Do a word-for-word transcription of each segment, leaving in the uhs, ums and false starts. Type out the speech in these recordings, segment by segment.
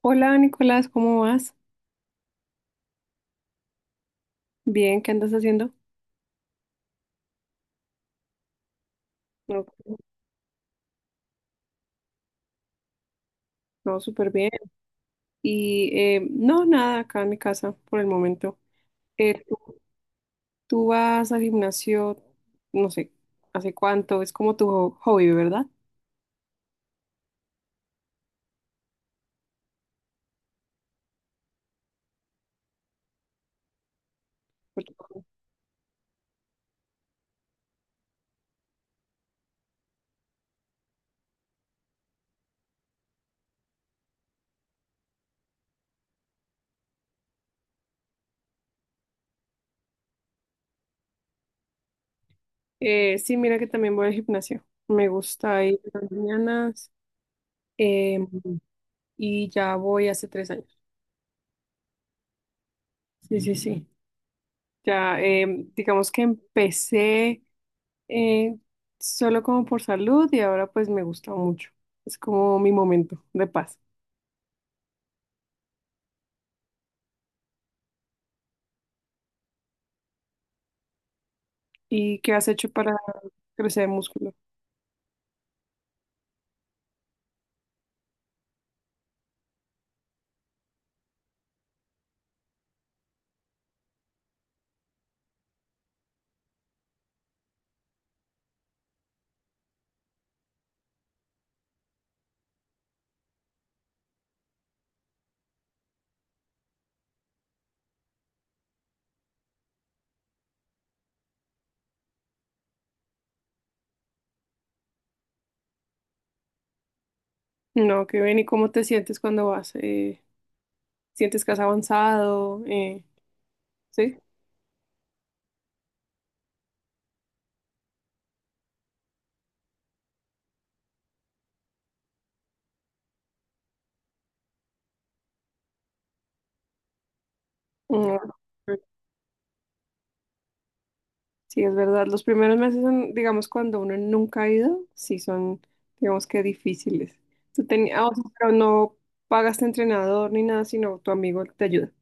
Hola Nicolás, ¿cómo vas? Bien, ¿qué andas haciendo? No, no, súper bien. Y eh, no, nada, acá en mi casa por el momento. Eh, ¿tú, tú vas al gimnasio, no sé, ¿hace cuánto? Es como tu ho- hobby, ¿verdad? Porque- Eh, sí, mira que también voy al gimnasio. Me gusta ir en las mañanas eh, y ya voy hace tres años. Sí, sí, sí. Ya, eh, digamos que empecé. eh, Solo como por salud y ahora pues me gusta mucho. Es como mi momento de paz. ¿Y qué has hecho para crecer músculo? No, qué bien. ¿Y cómo te sientes cuando vas? Eh, ¿sientes que has avanzado? Eh, ¿sí? Mm, sí, es verdad. Los primeros meses son, digamos, cuando uno nunca ha ido, sí son, digamos que difíciles. Tú tenías, pero no pagaste entrenador ni nada, sino tu amigo te ayuda.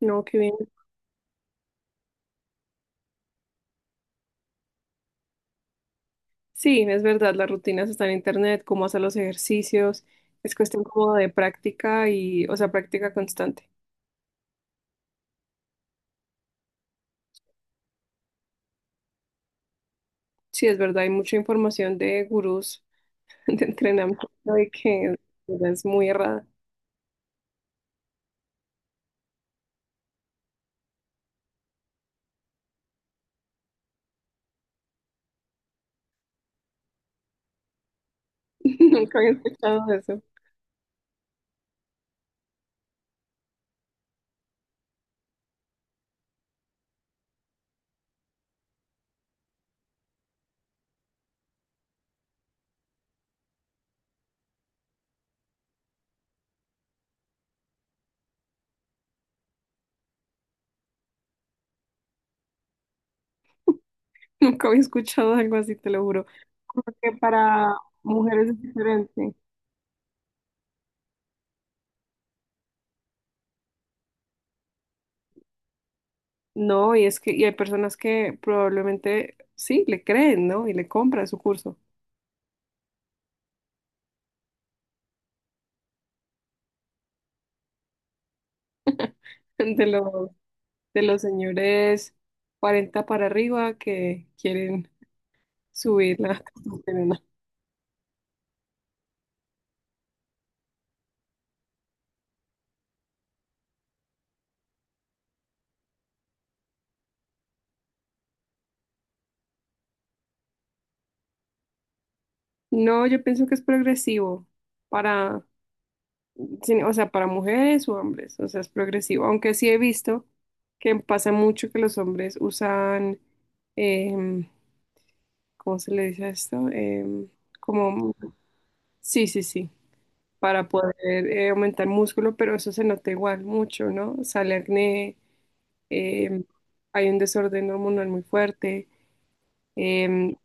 No, qué bien. Sí, es verdad, las rutinas están en internet, cómo hacer los ejercicios, es cuestión como de práctica y, o sea, práctica constante. Sí, es verdad, hay mucha información de gurús de entrenamiento y que es muy errada. Nunca había escuchado eso, nunca había escuchado algo así, te lo juro. Porque para mujeres es diferente. No, y es que y hay personas que probablemente sí le creen, ¿no? Y le compran su curso de los de los señores cuarenta para arriba que quieren subir la testosterona. No, yo pienso que es progresivo para, sin o sea, para mujeres o hombres, o sea, es progresivo, aunque sí he visto que pasa mucho que los hombres usan, em, ¿cómo se le dice a esto? Em, como, sí, sí, sí, para poder eh, aumentar músculo, pero eso se nota igual mucho, ¿no? Sale acné, em, hay un desorden hormonal muy fuerte. Em,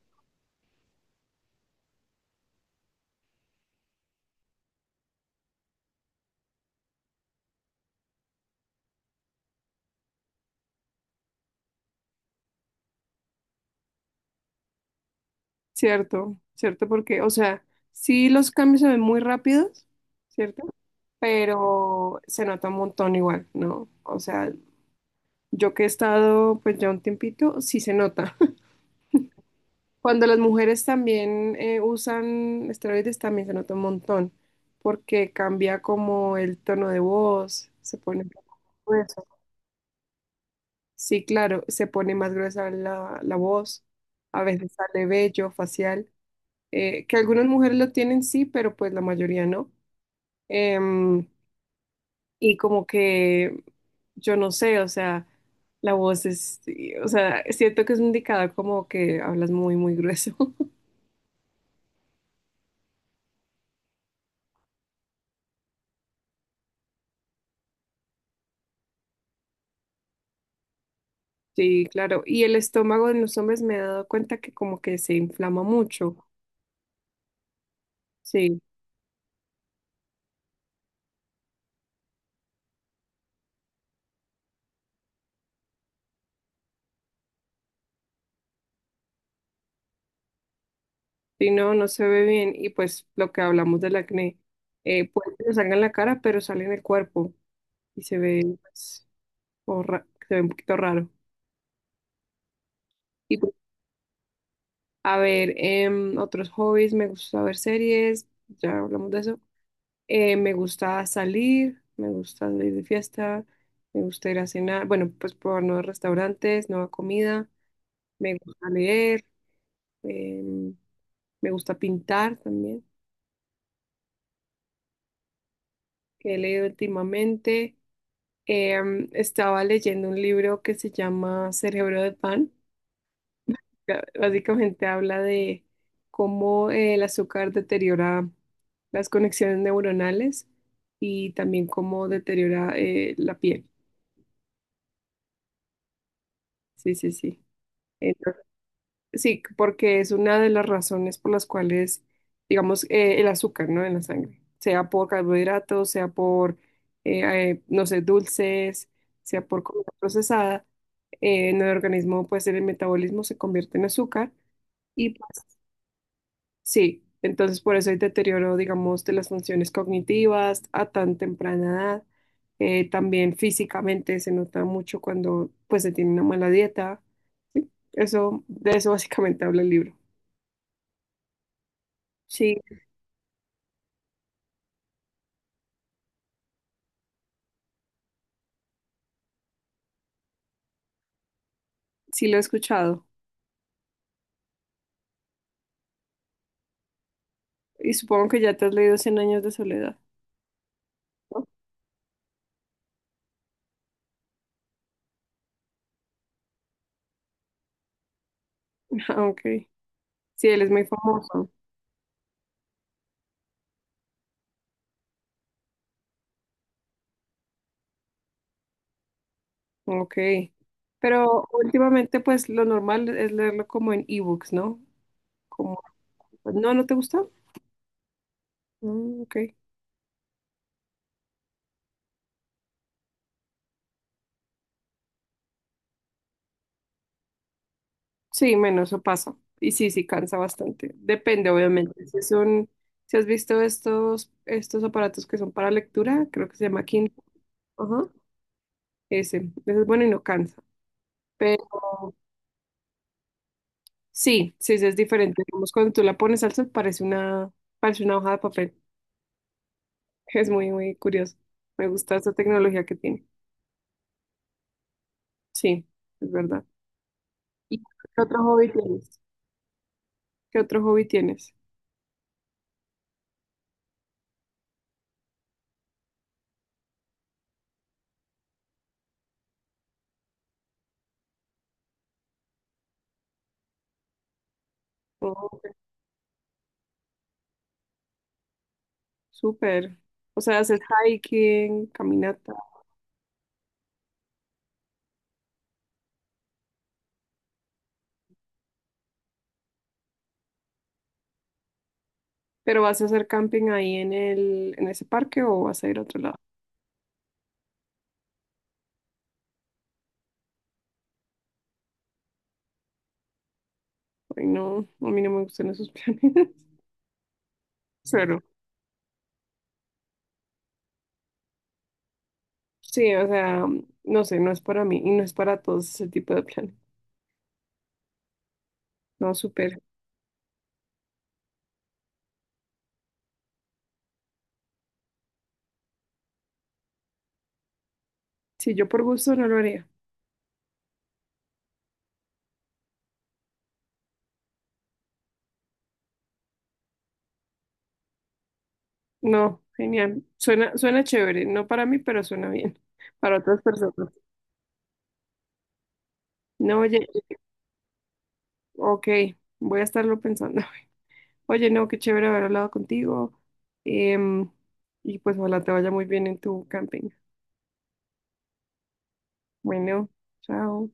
cierto, cierto, porque, o sea, sí los cambios se ven muy rápidos, ¿cierto? Pero se nota un montón igual, ¿no? O sea, yo que he estado pues ya un tiempito, sí se nota. Cuando las mujeres también eh, usan esteroides, también se nota un montón, porque cambia como el tono de voz, se pone más gruesa. Sí, claro, se pone más gruesa la, la voz, a veces sale vello facial. Eh, que algunas mujeres lo tienen sí, pero pues la mayoría no. Em, y como que yo no sé, o sea, la voz es, sí, o sea, siento que es un indicador como que hablas muy, muy grueso. Sí, claro. Y el estómago en los hombres me he dado cuenta que como que se inflama mucho. Sí, si no, no se ve bien. Y pues lo que hablamos del acné, eh, puede que no salga en la cara, pero sale en el cuerpo y se ve, pues, horra- se ve un poquito raro. A ver, em, otros hobbies, me gusta ver series, ya hablamos de eso. Eh, me gusta salir, me gusta salir de fiesta, me gusta ir a cenar, bueno, pues probar nuevos restaurantes, nueva comida, me gusta leer, em, me gusta pintar también, que he leído últimamente. Em, estaba leyendo un libro que se llama Cerebro de Pan. Ya, básicamente habla de cómo el azúcar deteriora las conexiones neuronales y también cómo deteriora eh, la piel. Sí, sí, sí. Entonces, sí, porque es una de las razones por las cuales, digamos, eh, el azúcar, ¿no? En la sangre, sea por carbohidratos, sea por, eh, eh, no sé, dulces, sea por comida procesada, eh, en el organismo, pues el metabolismo se convierte en azúcar. Y sí, entonces por eso hay deterioro, digamos, de las funciones cognitivas a tan temprana edad. Eh, también físicamente se nota mucho cuando pues se tiene una mala dieta. Sí, eso, de eso básicamente habla el libro. Sí, sí lo he escuchado. Y supongo que ya te has leído Cien años de soledad, ¿no? Ah, ok. Sí, él es muy famoso. Ok. Pero últimamente pues lo normal es leerlo como en ebooks, ¿no? Como, pues, no, ¿no te gusta? Mm, ok. Sí, menos eso pasa. Y sí, sí cansa bastante. Depende, obviamente. Si son, si has visto estos, estos aparatos que son para lectura, creo que se llama Kindle. Ajá. Ese, ese es bueno y no cansa. Pero sí, sí, sí es diferente. Digamos, cuando tú la pones al sol parece una, parece una hoja de papel. Es muy, muy curioso. Me gusta esta tecnología que tiene. Sí, es verdad. ¿Y qué otro hobby tienes? ¿Qué otro hobby tienes? Oh, súper. O sea, haces hiking, caminata. ¿Pero vas a hacer camping ahí en el, en ese parque o vas a ir a otro lado? Ay, no, a mí no me gustan esos planes. Claro. Sí, o sea, no sé, no es para mí y no es para todos ese tipo de planes. No, súper. Sí, yo por gusto no lo haría. No, genial. Suena, suena chévere, no para mí, pero suena bien. Para otras personas. No, oye, ok, voy a estarlo pensando. Oye, no, qué chévere haber hablado contigo. em, y pues ojalá te vaya muy bien en tu camping. Bueno, chao.